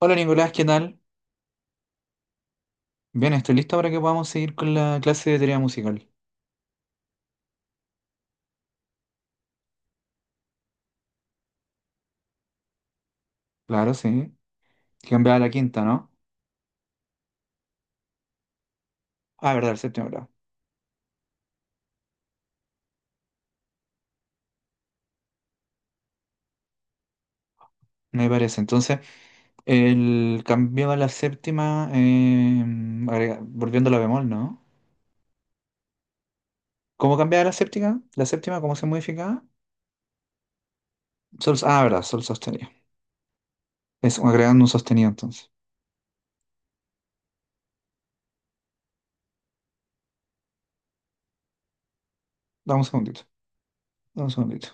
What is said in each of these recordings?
Hola Nicolás, ¿qué tal? Bien, estoy listo para que podamos seguir con la clase de teoría musical. Claro, sí. Cambiaba a la quinta, ¿no? Ah, verdad, el séptimo grado. Me parece. Entonces, el cambiaba la séptima, agrega- volviendo a la bemol, ¿no? ¿Cómo cambiaba la séptima? ¿La séptima cómo se modificaba? Sol, ah, verdad, sol sostenido. Es agregando un sostenido entonces. Dame un segundito, dame un segundito.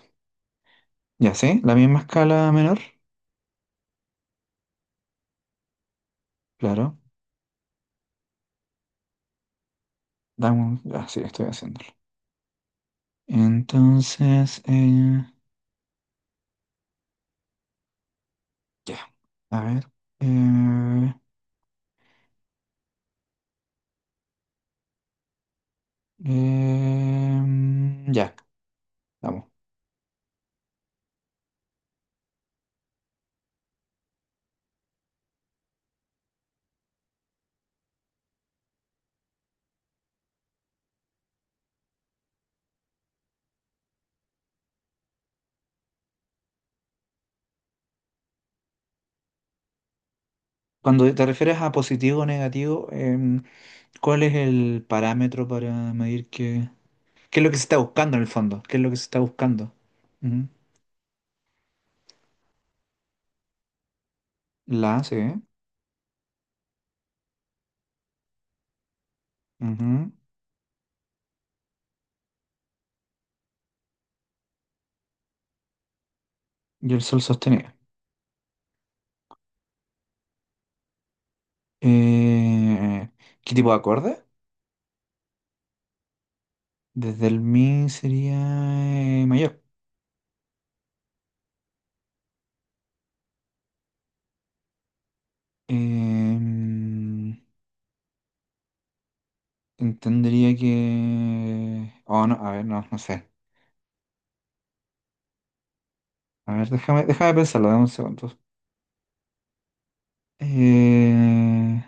Ya, ¿sí? La misma escala menor. Claro. Dame un... Ah, sí, estoy haciéndolo. Entonces, ya. A ver. eh, ya, vamos. Cuando te refieres a positivo o negativo, ¿cuál es el parámetro para medir qué, qué es lo que se está buscando en el fondo? ¿Qué es lo que se está buscando? Ujú. La, sí. Ujú. Y el sol sostenido. Eh, ¿Qué tipo de acorde? Desde el mi sería mayor. Em, entendería que... Oh, no, a ver, no, no sé. A ver, déjame, déjame pensarlo, dame un segundo. Eh,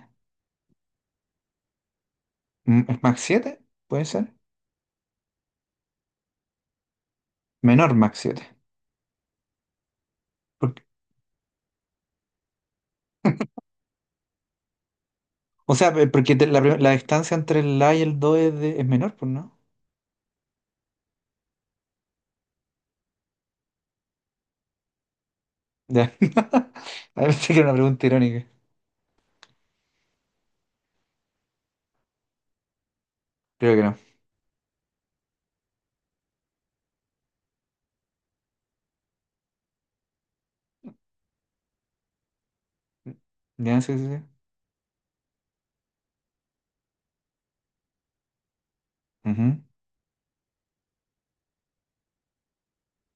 ¿Es Mach 7? ¿Puede ser? Menor Mach siete. ¿Por qué? O sea, pe- porque te- la, prim- la distancia entre el A y el 2 es, de- es menor, pues no. Ya. A ver, sí que era una pregunta irónica. Creo que no. Ya, sí, sí, sí. Ujú.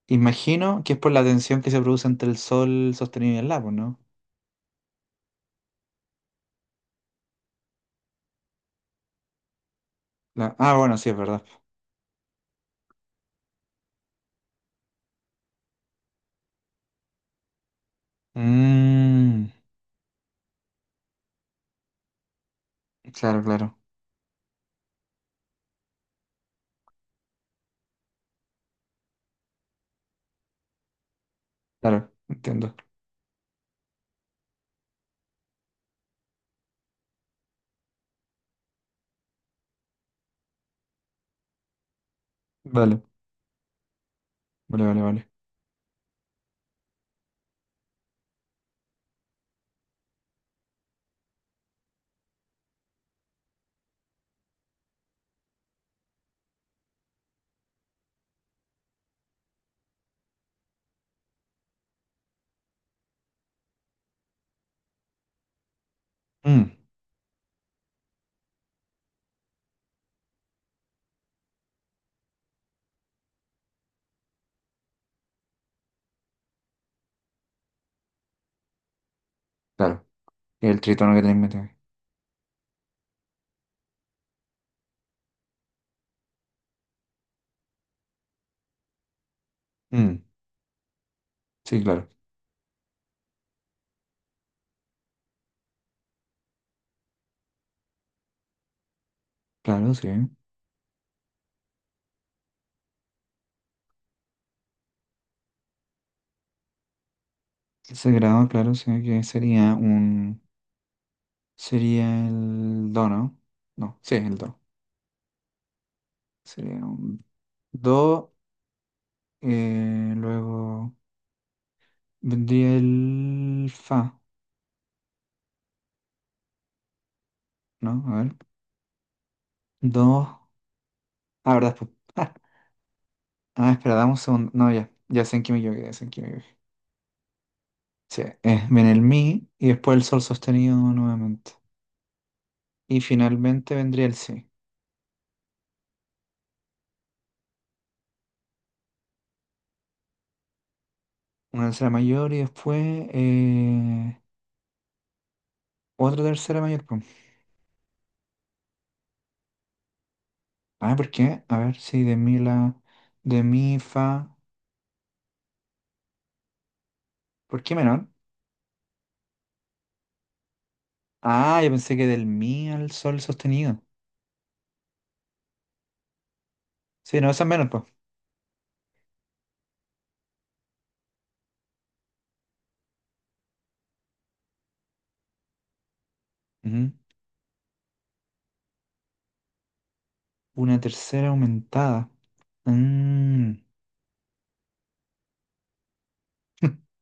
Imagino que es por la tensión que se produce entre el sol sostenido y el lápiz, ¿no? La- Ah, bueno, sí, es verdad. Mm, claro, claro, claro, entiendo. Vale, vale, vale, vale. Mm, claro. El tritono que tenés metido. Mm, sí, claro. Claro, sí. El sagrado, claro, sí, que sería un. Sería el do, ¿no? No, sí, el do. Sería un do. Luego vendría el fa, ¿no? A ver. Do. Ah, ¿verdad? Pues, ah, ah, espera, dame un segundo. No, ya. Ya sé en qué me equivoqué, ya sé en qué me equivoqué. Sí, viene el mi y después el sol sostenido nuevamente. Y finalmente vendría el si. Una tercera mayor y después. Otra tercera mayor, po. Ah, ¿por qué? A ver, sí, de mi la... De mi fa... ¿Por qué menor? Ah, yo pensé que del mi al sol sostenido. Sí, no, esa es menor, pues. Una tercera aumentada. Mm.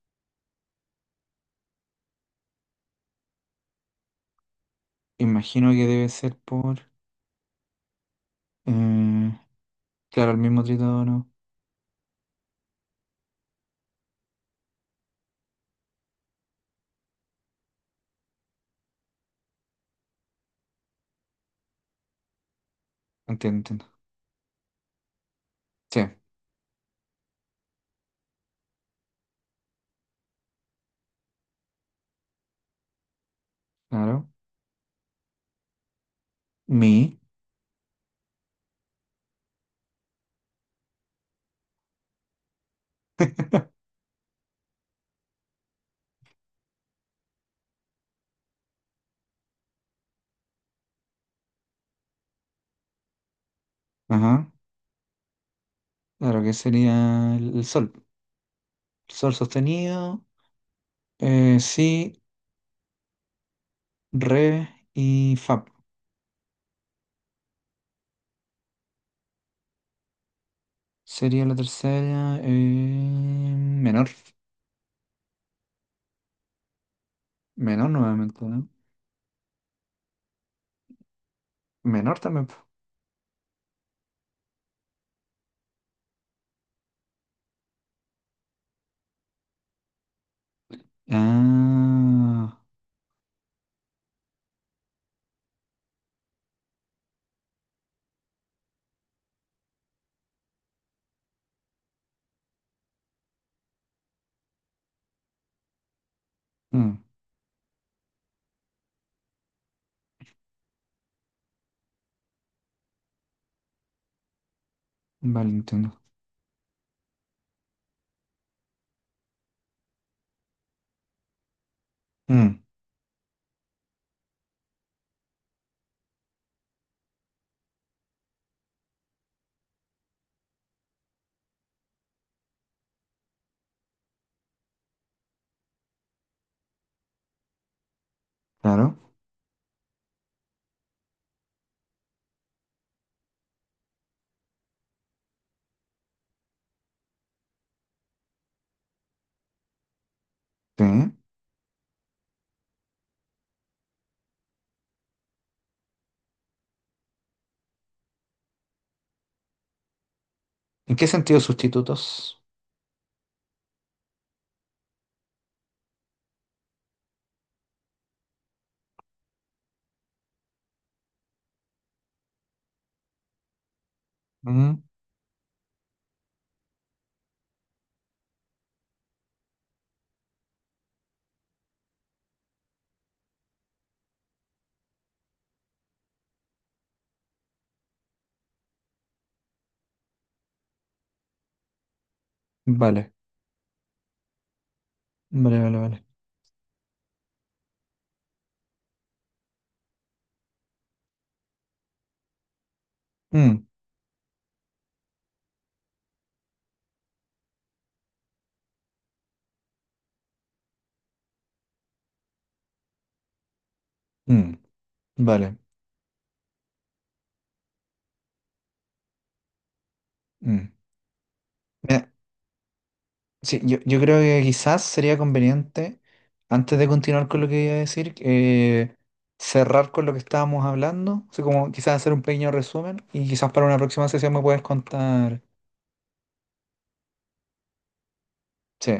Imagino que debe ser por... eh, claro, el mismo tritono. Entiendo, entiendo. Sí, claro. Mi. Ajá. Claro, que sería el sol. Sol sostenido. Si, re y fa. Sería la tercera. Menor. Menor nuevamente, ¿no? Menor también. Po. Ah. Mm, vale, entiendo. Mm, claro. Sí. ¿En qué sentido sustitutos? Mm, vale. Vale, vale, vale. Mm, mm, vale. Mm. Eh, sí, yo creo que quizás sería conveniente, antes de continuar con lo que iba a decir, cerrar con lo que estábamos hablando, así como quizás hacer un pequeño resumen y quizás para una próxima sesión me puedes contar. Sí,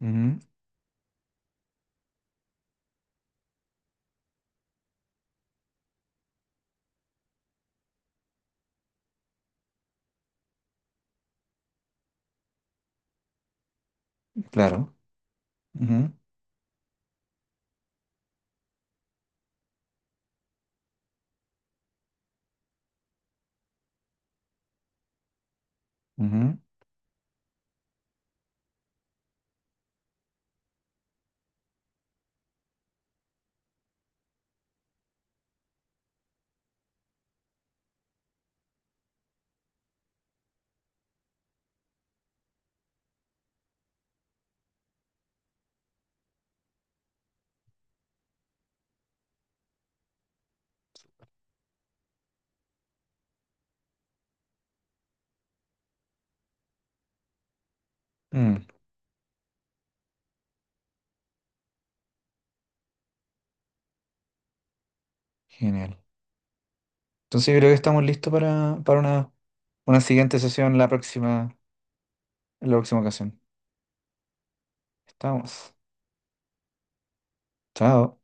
ujú, claro. Ujú, ujú, mm, genial. Entonces yo creo que estamos listos para una siguiente sesión la próxima, en la próxima ocasión. Estamos. Chao.